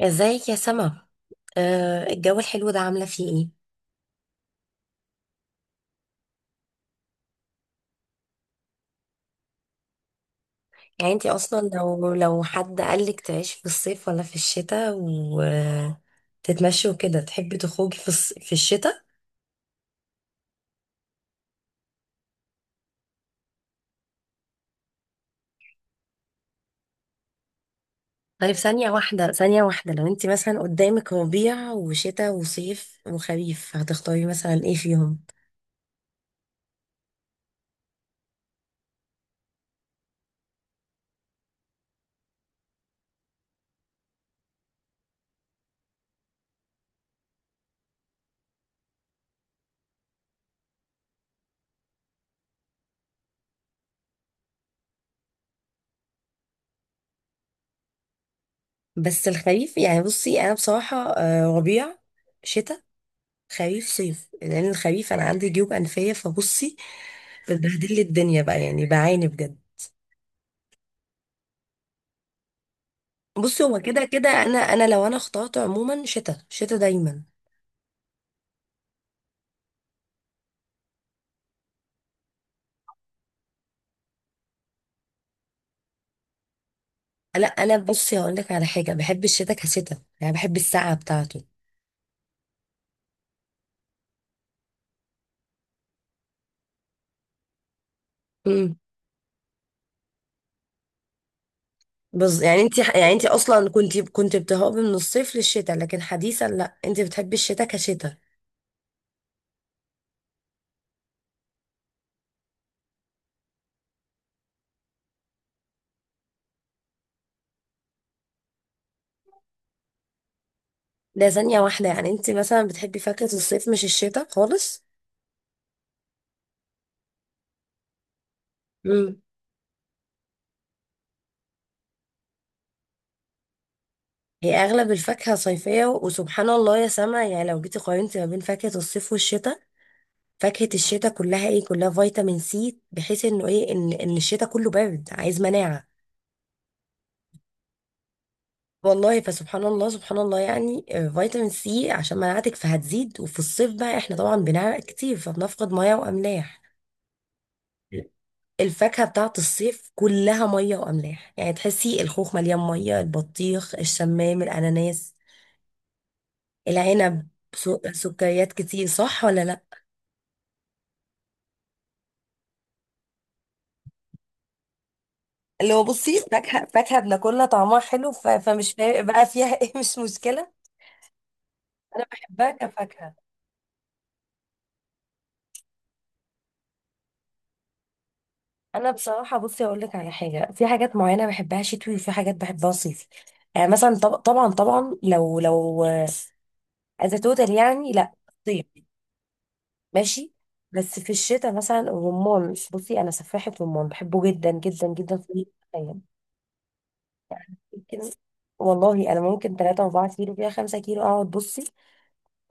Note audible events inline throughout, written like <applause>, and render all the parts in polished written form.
ازيك يا سما؟ آه، الجو الحلو ده عاملة فيه ايه؟ يعني انتي اصلا لو حد قالك تعيش في الصيف ولا في الشتاء وتتمشي وكده، تحبي تخرجي في في الشتاء؟ طيب، ثانية واحدة، لو انتي مثلا قدامك ربيع وشتاء وصيف وخريف، هتختاري مثلا ايه فيهم؟ بس الخريف يعني، بصي انا بصراحة آه، ربيع، شتاء، خريف، صيف، لان الخريف انا عندي جيوب انفية، فبصي بتبهدل لي الدنيا بقى، يعني بعاني بجد. بصي هو كده كده انا، لو انا اخترت عموما شتاء، دايما. لا، انا بصي هقول لك على حاجه، بحب الشتاء كشتاء، يعني بحب السقعه بتاعته. امم. بص يعني انت، يعني انت اصلا كنت بتهربي من الصيف للشتاء، لكن حديثا لا، انت بتحبي الشتاء كشتاء. ده ثانيه واحده، يعني انت مثلا بتحبي فاكهه الصيف مش الشتاء خالص. امم. هي اغلب الفاكهه صيفيه، وسبحان الله يا سما، يعني لو جيتي قارنتي ما بين فاكهه الصيف والشتاء، فاكهة الشتاء كلها ايه؟ كلها فيتامين سي، بحيث انه ايه، ان الشتاء كله برد، عايز مناعة. والله فسبحان الله، سبحان الله، يعني آه، فيتامين سي عشان مناعتك فهتزيد. وفي الصيف بقى احنا طبعا بنعرق كتير، فبنفقد مية واملاح. الفاكهة بتاعت الصيف كلها مية واملاح، يعني تحسي الخوخ مليان مية، البطيخ، الشمام، الاناناس، العنب، سكريات كتير، صح ولا لا؟ اللي هو بصي، فاكهة بناكلها طعمها حلو، فمش فارق بقى فيها. <laughs> ايه، مش مشكلة. انا بحبها كفاكهه. انا بصراحه بصي اقول لك على حاجه، في حاجات معينه بحبها شتوي، وفي حاجات بحبها صيفي. يعني مثلا طبعا، لو از توتال يعني، لا، صيف. ماشي. بس في الشتاء مثلا الرمان، بصي انا سفاحه رمان، بحبه جدا جدا جدا في أي أيام. يمكن، والله انا ممكن 3 4 كيلو، فيها 5 كيلو اقعد بصي،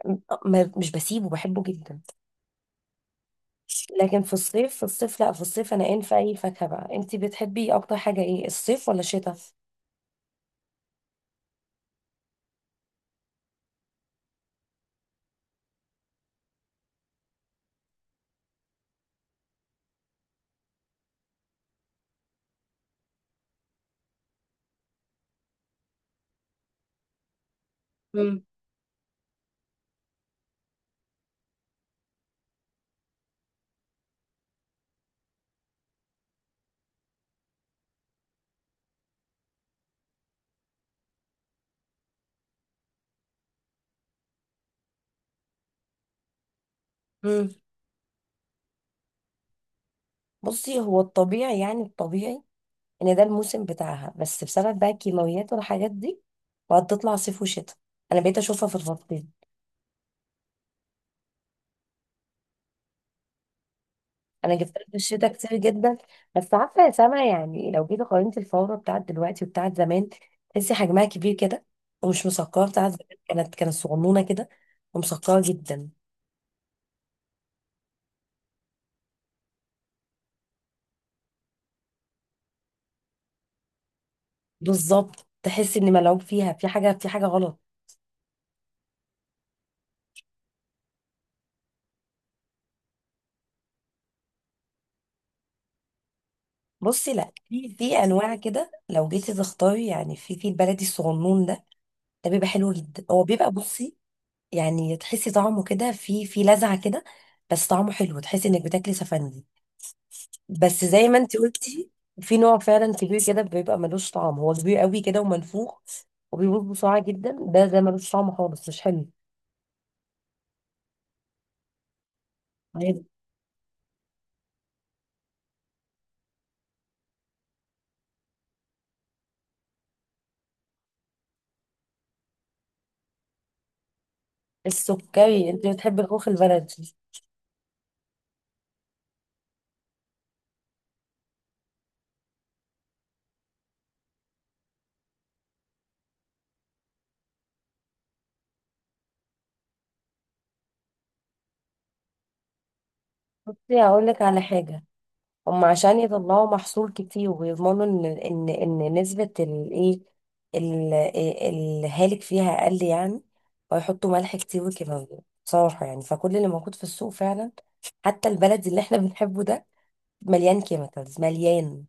م- مش بسيبه، بحبه جدا. لكن في الصيف، لا، في الصيف انا ان، في اي فاكهه بقى انتي بتحبي اكتر حاجه، ايه، الصيف ولا الشتاء؟ مم. مم. بصي هو الطبيعي، ان ده الموسم بتاعها، بس بسبب بقى الكيماويات والحاجات دي وهتطلع صيف وشتاء، انا بقيت اشوفها في الفصلين. انا جبت لها في الشتاء كتير جدا. بس عارفه يا سما، يعني لو جيت قارنت الفوره بتاعت دلوقتي وبتاعت زمان، تحسي حجمها كبير كده، ومش مسكره. بتاعت زمان كانت صغنونه كده ومسكره جدا. بالظبط، تحسي ان ملعوب فيها، في حاجه غلط. بصي لا، في انواع كده، لو جيتي تختاري يعني، في البلدي الصغنون ده، ده بيبقى حلو جدا، هو بيبقى بصي، يعني تحسي طعمه كده، في لذعه كده، بس طعمه حلو، تحسي انك بتاكلي سفندي. بس زي ما انت قلتي، في نوع فعلا كبير كده بيبقى ملوش طعم، هو كبير قوي كده ومنفوخ، وبيبوظ بسرعه جدا. ده ملوش طعم خالص، مش حلو. طيب، السكري، انت بتحبي الخوخ البلدي؟ بصي هقول لك على حاجه، هم عشان يطلعوا محصول كتير ويضمنوا ان، ان نسبة الايه، ال- الهالك فيها اقل يعني، ويحطوا ملح كتير وكيماوي. بصراحة يعني، فكل اللي موجود في السوق فعلا، حتى البلد اللي احنا بنحبه ده، مليان كيميكالز، مليان.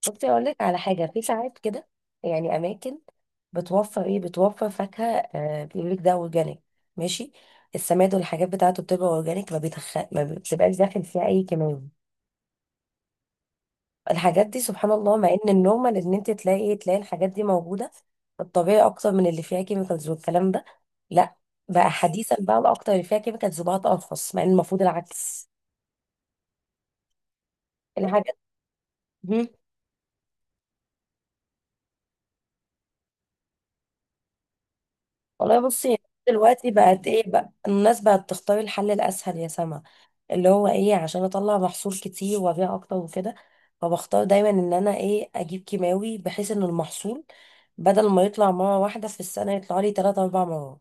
شفتي، اقول لك على حاجة، في ساعات كده، يعني اماكن بتوفر ايه، بتوفر فاكهة. آه، بيقول لك ده اورجانيك، ماشي. السماد والحاجات بتاعته بتبقى اورجانيك، ما بتبقاش داخل فيها اي كيماوي. الحاجات دي سبحان الله، مع ان النورمال ان انت تلاقي إيه، تلاقي الحاجات دي موجوده في الطبيعي اكتر من اللي فيها كيميكالز والكلام ده. لا، بقى حديثا بقى الاكتر اللي فيها كيميكالز بقى ارخص، مع ان المفروض العكس. الحاجات. <laughs> مم. والله بصي، دلوقتي بقت ايه بقى، الناس بقت تختار الحل الاسهل يا سما، اللي هو ايه، عشان اطلع محصول كتير وابيع اكتر وكده، فبختار دايما ان انا ايه، اجيب كيماوي بحيث ان المحصول بدل ما يطلع مره واحده في السنه يطلع لي ثلاث اربع مرات.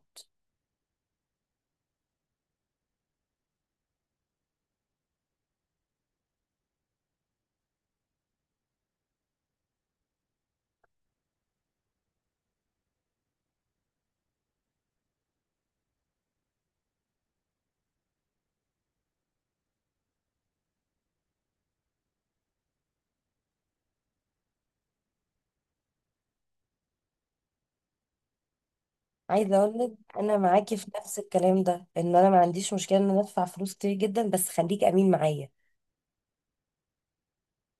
عايزه اقول لك، انا معاكي في نفس الكلام ده، ان انا ما عنديش مشكله ان انا ادفع فلوس كتير جدا، بس خليك امين معايا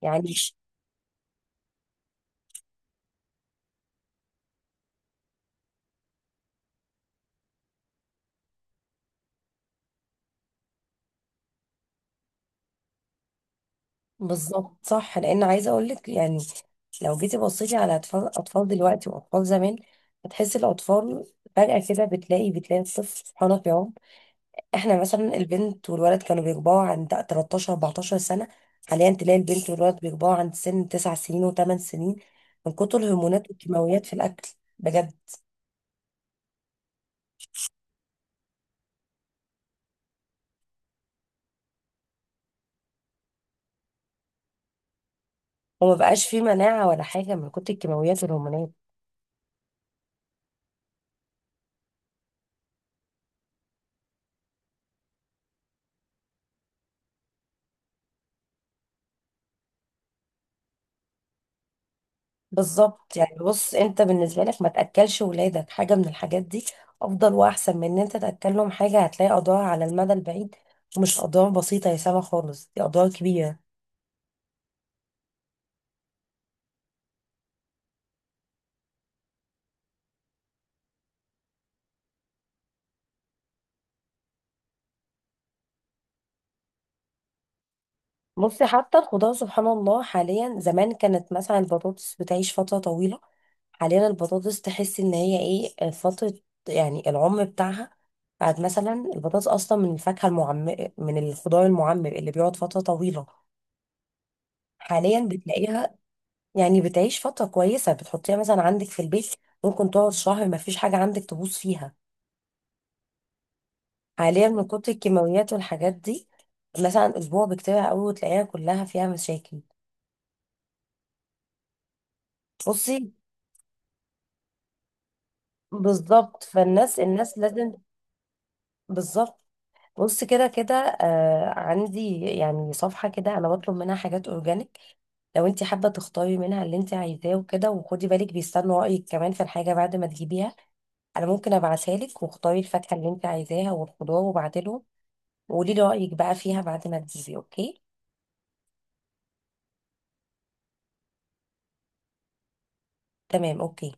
يعني. بالظبط صح، لان عايزه اقول لك يعني، لو جيتي بصيتي على اطفال دلوقتي واطفال زمان، هتحسي الاطفال فجاه كده بتلاقي الطفل سبحانه في يوم، احنا مثلا البنت والولد كانوا بيكبروا عند 13 14 سنه، حاليا تلاقي البنت والولد بيكبروا عند سن 9 سنين و8 سنين، من كتر الهرمونات والكيماويات في الاكل، بجد. وما بقاش فيه مناعة ولا حاجة من كتر الكيماويات والهرمونات. بالظبط، يعني بص انت بالنسبة لك ما تأكلش ولادك حاجة من الحاجات دي، افضل واحسن من ان انت تأكلهم حاجة هتلاقي اضرار على المدى البعيد، ومش اضرار بسيطة يا سما خالص، دي اضرار كبيرة. بصي حتى الخضار سبحان الله، حاليا زمان كانت مثلا البطاطس بتعيش فترة طويلة، حاليا البطاطس تحس ان هي ايه، فترة يعني العمر بتاعها، بعد مثلا البطاطس اصلا من الفاكهة المعمر، من الخضار المعمر اللي بيقعد فترة طويلة، حاليا بتلاقيها يعني بتعيش فترة كويسة، بتحطيها مثلا عندك في البيت، ممكن تقعد شهر ما فيش حاجة عندك تبوظ فيها. حاليا من كتر الكيماويات والحاجات دي مثلا أسبوع بكتيرها قوي، وتلاقيها كلها فيها مشاكل. بصي بالظبط، فالناس لازم، بالظبط، بص كده كده آه، عندي يعني صفحة كده أنا بطلب منها حاجات أورجانيك، لو أنت حابة تختاري منها اللي أنت عايزاه وكده، وخدي بالك بيستنوا رأيك كمان في الحاجة بعد ما تجيبيها. انا ممكن ابعتها لك واختاري الفاكهه اللي انت عايزاها والخضار، وبعدله وقولي لي رايك بقى فيها بعد ما تجيبي، اوكي؟ تمام، اوكي.